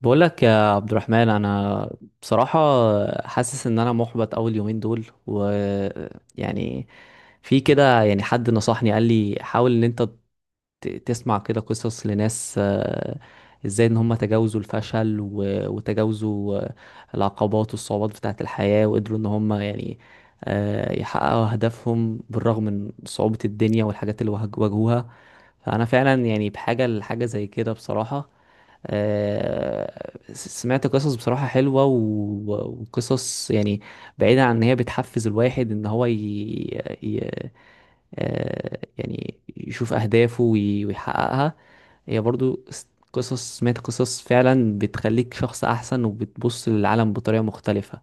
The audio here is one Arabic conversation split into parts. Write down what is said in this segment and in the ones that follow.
بقول لك يا عبد الرحمن، انا بصراحة حاسس ان انا محبط اول يومين دول. و يعني في كده. يعني حد نصحني قال لي حاول ان انت تسمع كده قصص لناس، ازاي ان هم تجاوزوا الفشل وتجاوزوا العقبات والصعوبات بتاعة الحياة، وقدروا ان هم يعني يحققوا اهدافهم بالرغم من صعوبة الدنيا والحاجات اللي واجهوها. فانا فعلا يعني بحاجه لحاجه زي كده بصراحه. سمعت قصص بصراحة حلوة وقصص يعني بعيدة، عن ان هي بتحفز الواحد ان هو ي... ي... آه، يعني يشوف أهدافه ويحققها. هي برضو قصص. سمعت قصص فعلا بتخليك شخص أحسن وبتبص للعالم بطريقة مختلفة.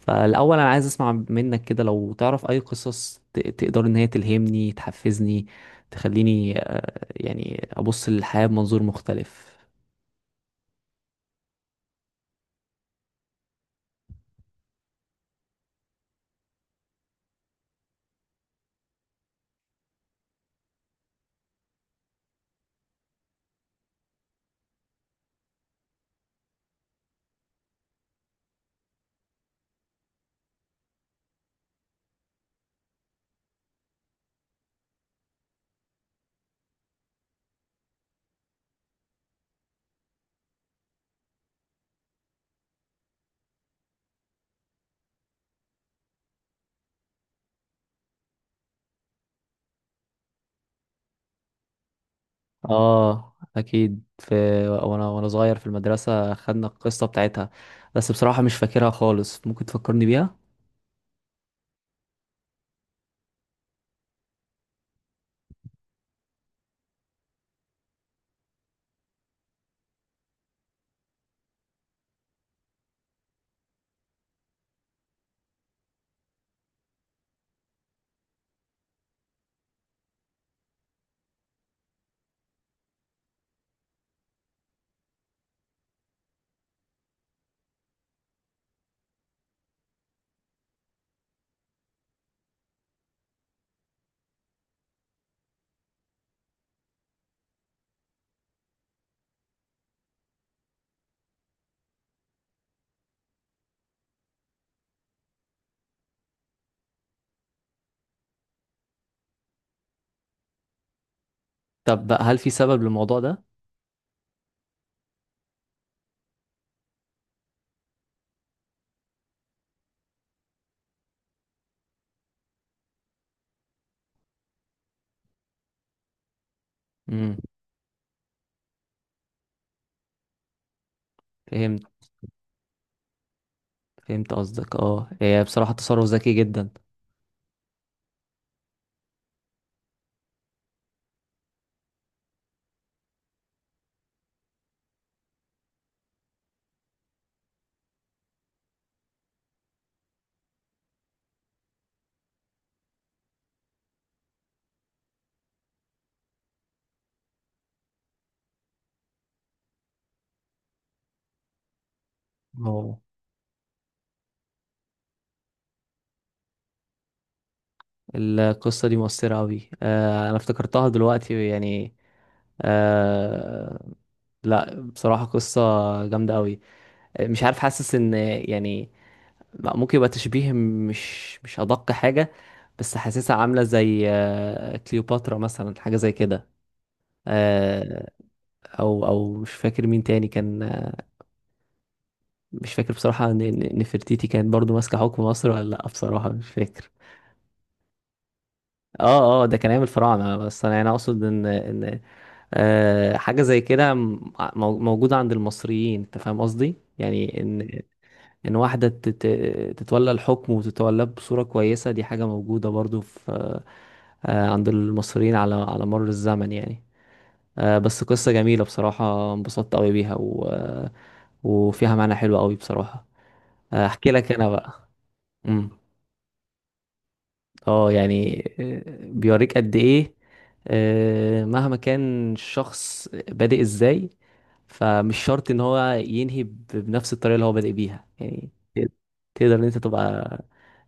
فالأول أنا عايز أسمع منك كده، لو تعرف أي قصص تقدر إن هي تلهمني، تحفزني، تخليني يعني أبص للحياة بمنظور مختلف. آه أكيد في. وأنا صغير في المدرسة خدنا القصة بتاعتها، بس بصراحة مش فاكرها خالص، ممكن تفكرني بيها؟ طب بقى، هل في سبب للموضوع ده؟ امم فهمت. فهمت قصدك، اه هي بصراحة تصرف ذكي جدا. اه القصة دي مؤثرة أوي، آه أنا افتكرتها دلوقتي يعني. آه، لا بصراحة قصة جامدة أوي. مش عارف، حاسس إن يعني ممكن يبقى تشبيه مش أدق حاجة، بس حاسسها عاملة زي آه كليوباترا مثلا، حاجة زي كده آه. أو مش فاكر مين تاني كان. مش فاكر بصراحة، نفرتيتي كانت برضو ماسكة حكم مصر ولا لأ، بصراحة مش فاكر. اه اه، ده كان ايام الفراعنة، بس انا يعني اقصد ان آه حاجة زي كده موجودة عند المصريين، انت فاهم قصدي؟ يعني ان ان واحدة تتولى الحكم وتتولاه بصورة كويسة، دي حاجة موجودة برضو في آه عند المصريين، على مر الزمن يعني. آه بس قصة جميلة بصراحة، انبسطت قوي بيها وفيها معنى حلو قوي بصراحة. احكي لك انا بقى. مم. اه يعني، بيوريك قد ايه مهما كان الشخص بادئ ازاي، فمش شرط ان هو ينهي بنفس الطريقة اللي هو بادئ بيها، يعني تقدر ان انت تبقى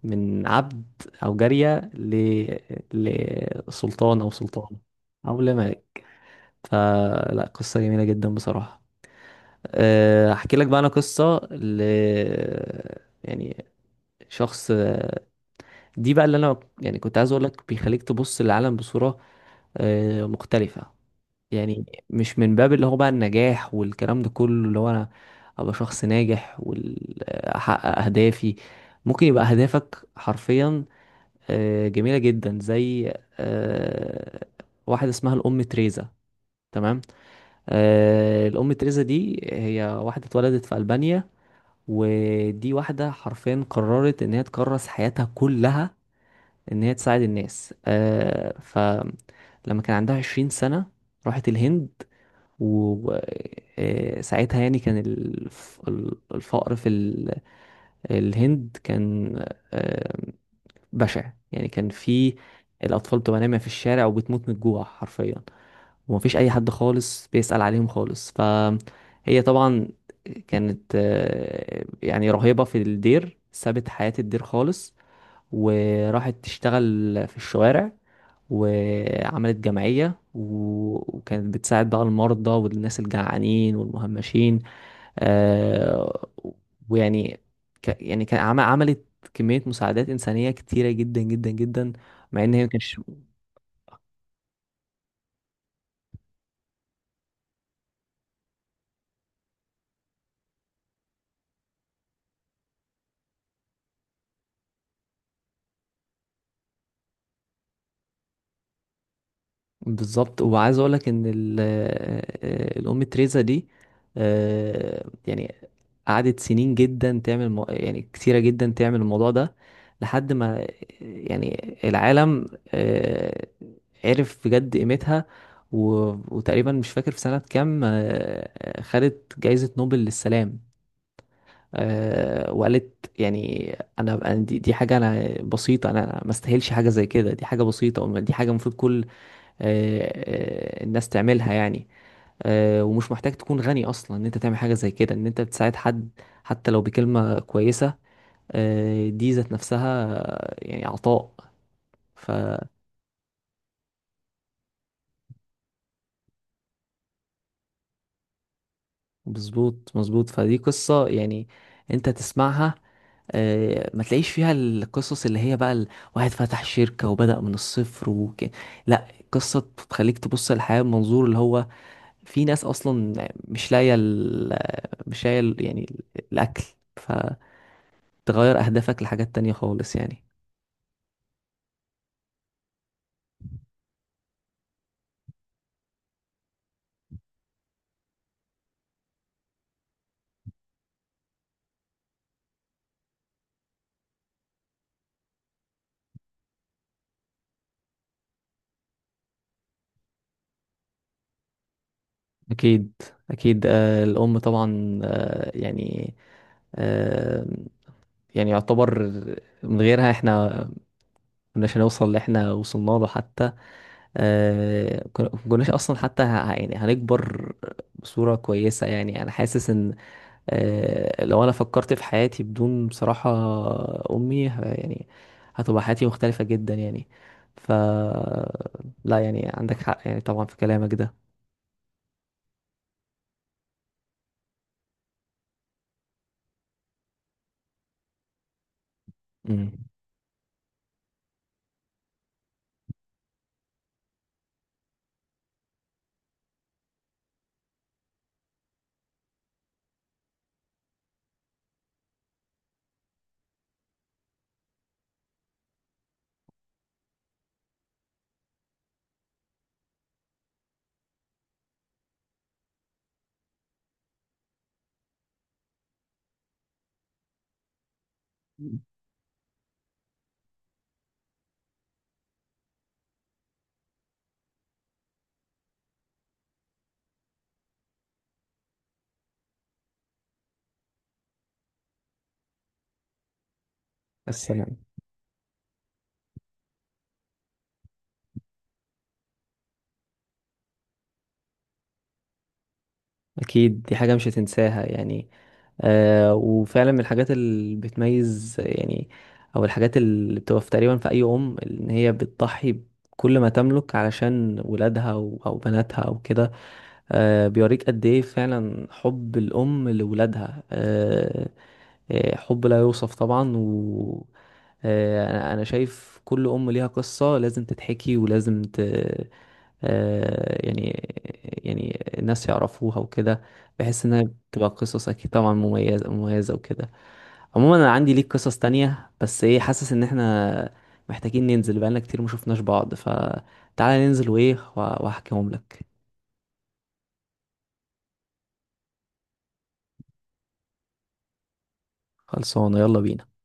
من عبد او جارية لسلطان او سلطانة او لملك. فلا، قصة جميلة جدا بصراحة. احكي لك بقى انا قصة ل يعني شخص. دي بقى اللي انا يعني كنت عايز اقول لك بيخليك تبص للعالم بصورة مختلفة. يعني مش من باب اللي هو بقى النجاح والكلام ده كله، اللي هو انا ابقى شخص ناجح واحقق اهدافي. ممكن يبقى اهدافك حرفيا جميلة جدا، زي آه، واحد اسمها الام تريزا. تمام. الام تريزا دي هي واحدة اتولدت في ألبانيا، ودي واحدة حرفيا قررت ان هي تكرس حياتها كلها ان هي تساعد الناس آه. فلما كان عندها 20 سنة راحت الهند. وساعتها يعني كان الفقر في الهند كان آه، بشع. يعني كان في الأطفال بتبقى نايمة في الشارع وبتموت من الجوع حرفيا، ومفيش أي حد خالص بيسأل عليهم خالص. فهي طبعا كانت يعني رهيبة في الدير، سابت حياة الدير خالص وراحت تشتغل في الشوارع، وعملت جمعية وكانت بتساعد بقى المرضى والناس الجعانين والمهمشين آه، ويعني عملت كمية مساعدات إنسانية كتيرة جدا جدا جدا، مع إن هي ما كانش. بالظبط. وعايز أقولك إن الأم تريزا دي يعني قعدت سنين جدا تعمل يعني كتيرة جدا تعمل الموضوع ده، لحد ما يعني العالم آه، عرف بجد قيمتها و... وتقريبا مش فاكر في سنة كام، خدت جايزة نوبل للسلام. وقالت يعني انا، دي، حاجه انا بسيطه، انا ما استاهلش حاجه زي كده، دي حاجه بسيطه دي حاجه المفروض كل الناس تعملها يعني. ومش محتاج تكون غني اصلا ان انت تعمل حاجه زي كده، ان انت بتساعد حد حتى لو بكلمه كويسه. دي ذات نفسها يعني عطاء. فمظبوط. مظبوط مظبوط. فدي قصه يعني انت تسمعها، ما تلاقيش فيها القصص اللي هي بقى واحد فتح شركه وبدأ من الصفر لا، قصه بتخليك تبص للحياه بمنظور اللي هو في ناس اصلا مش لاقيه ال- مش لاقيه يعني الاكل. فتغير اهدافك لحاجات تانية خالص يعني. أكيد أكيد، الأم طبعا، آه، يعني يعتبر من غيرها احنا مكناش هنوصل اللي احنا وصلنا له. حتى مكناش أصلا، حتى يعني هنكبر بصورة كويسة. يعني أنا حاسس إن لو أنا فكرت في حياتي بدون بصراحة أمي، يعني هتبقى حياتي مختلفة جدا يعني. ف لا، يعني عندك حق يعني، طبعا، في كلامك ده. مم. السلام. أكيد دي حاجة مش هتنساها يعني. آه وفعلا من الحاجات اللي بتميز يعني، أو الحاجات اللي بتبقى في تقريبا في أي أم، إن هي بتضحي بكل ما تملك علشان ولادها أو بناتها أو كده. آه بيوريك قد إيه فعلا حب الأم لولادها. آه حب لا يوصف طبعا. و آه، انا أنا شايف كل ام ليها قصة لازم تتحكي ولازم ت... آه، يعني يعني الناس يعرفوها وكده. بحس انها بتبقى قصص اكيد طبعا مميزة مميزة وكده. عموما انا عندي ليك قصص تانية، بس ايه حاسس ان احنا محتاجين ننزل، بقالنا كتير مشوفناش بعض، فتعالى ننزل وايه واحكيهم لك. خلصانة، يلا بينا.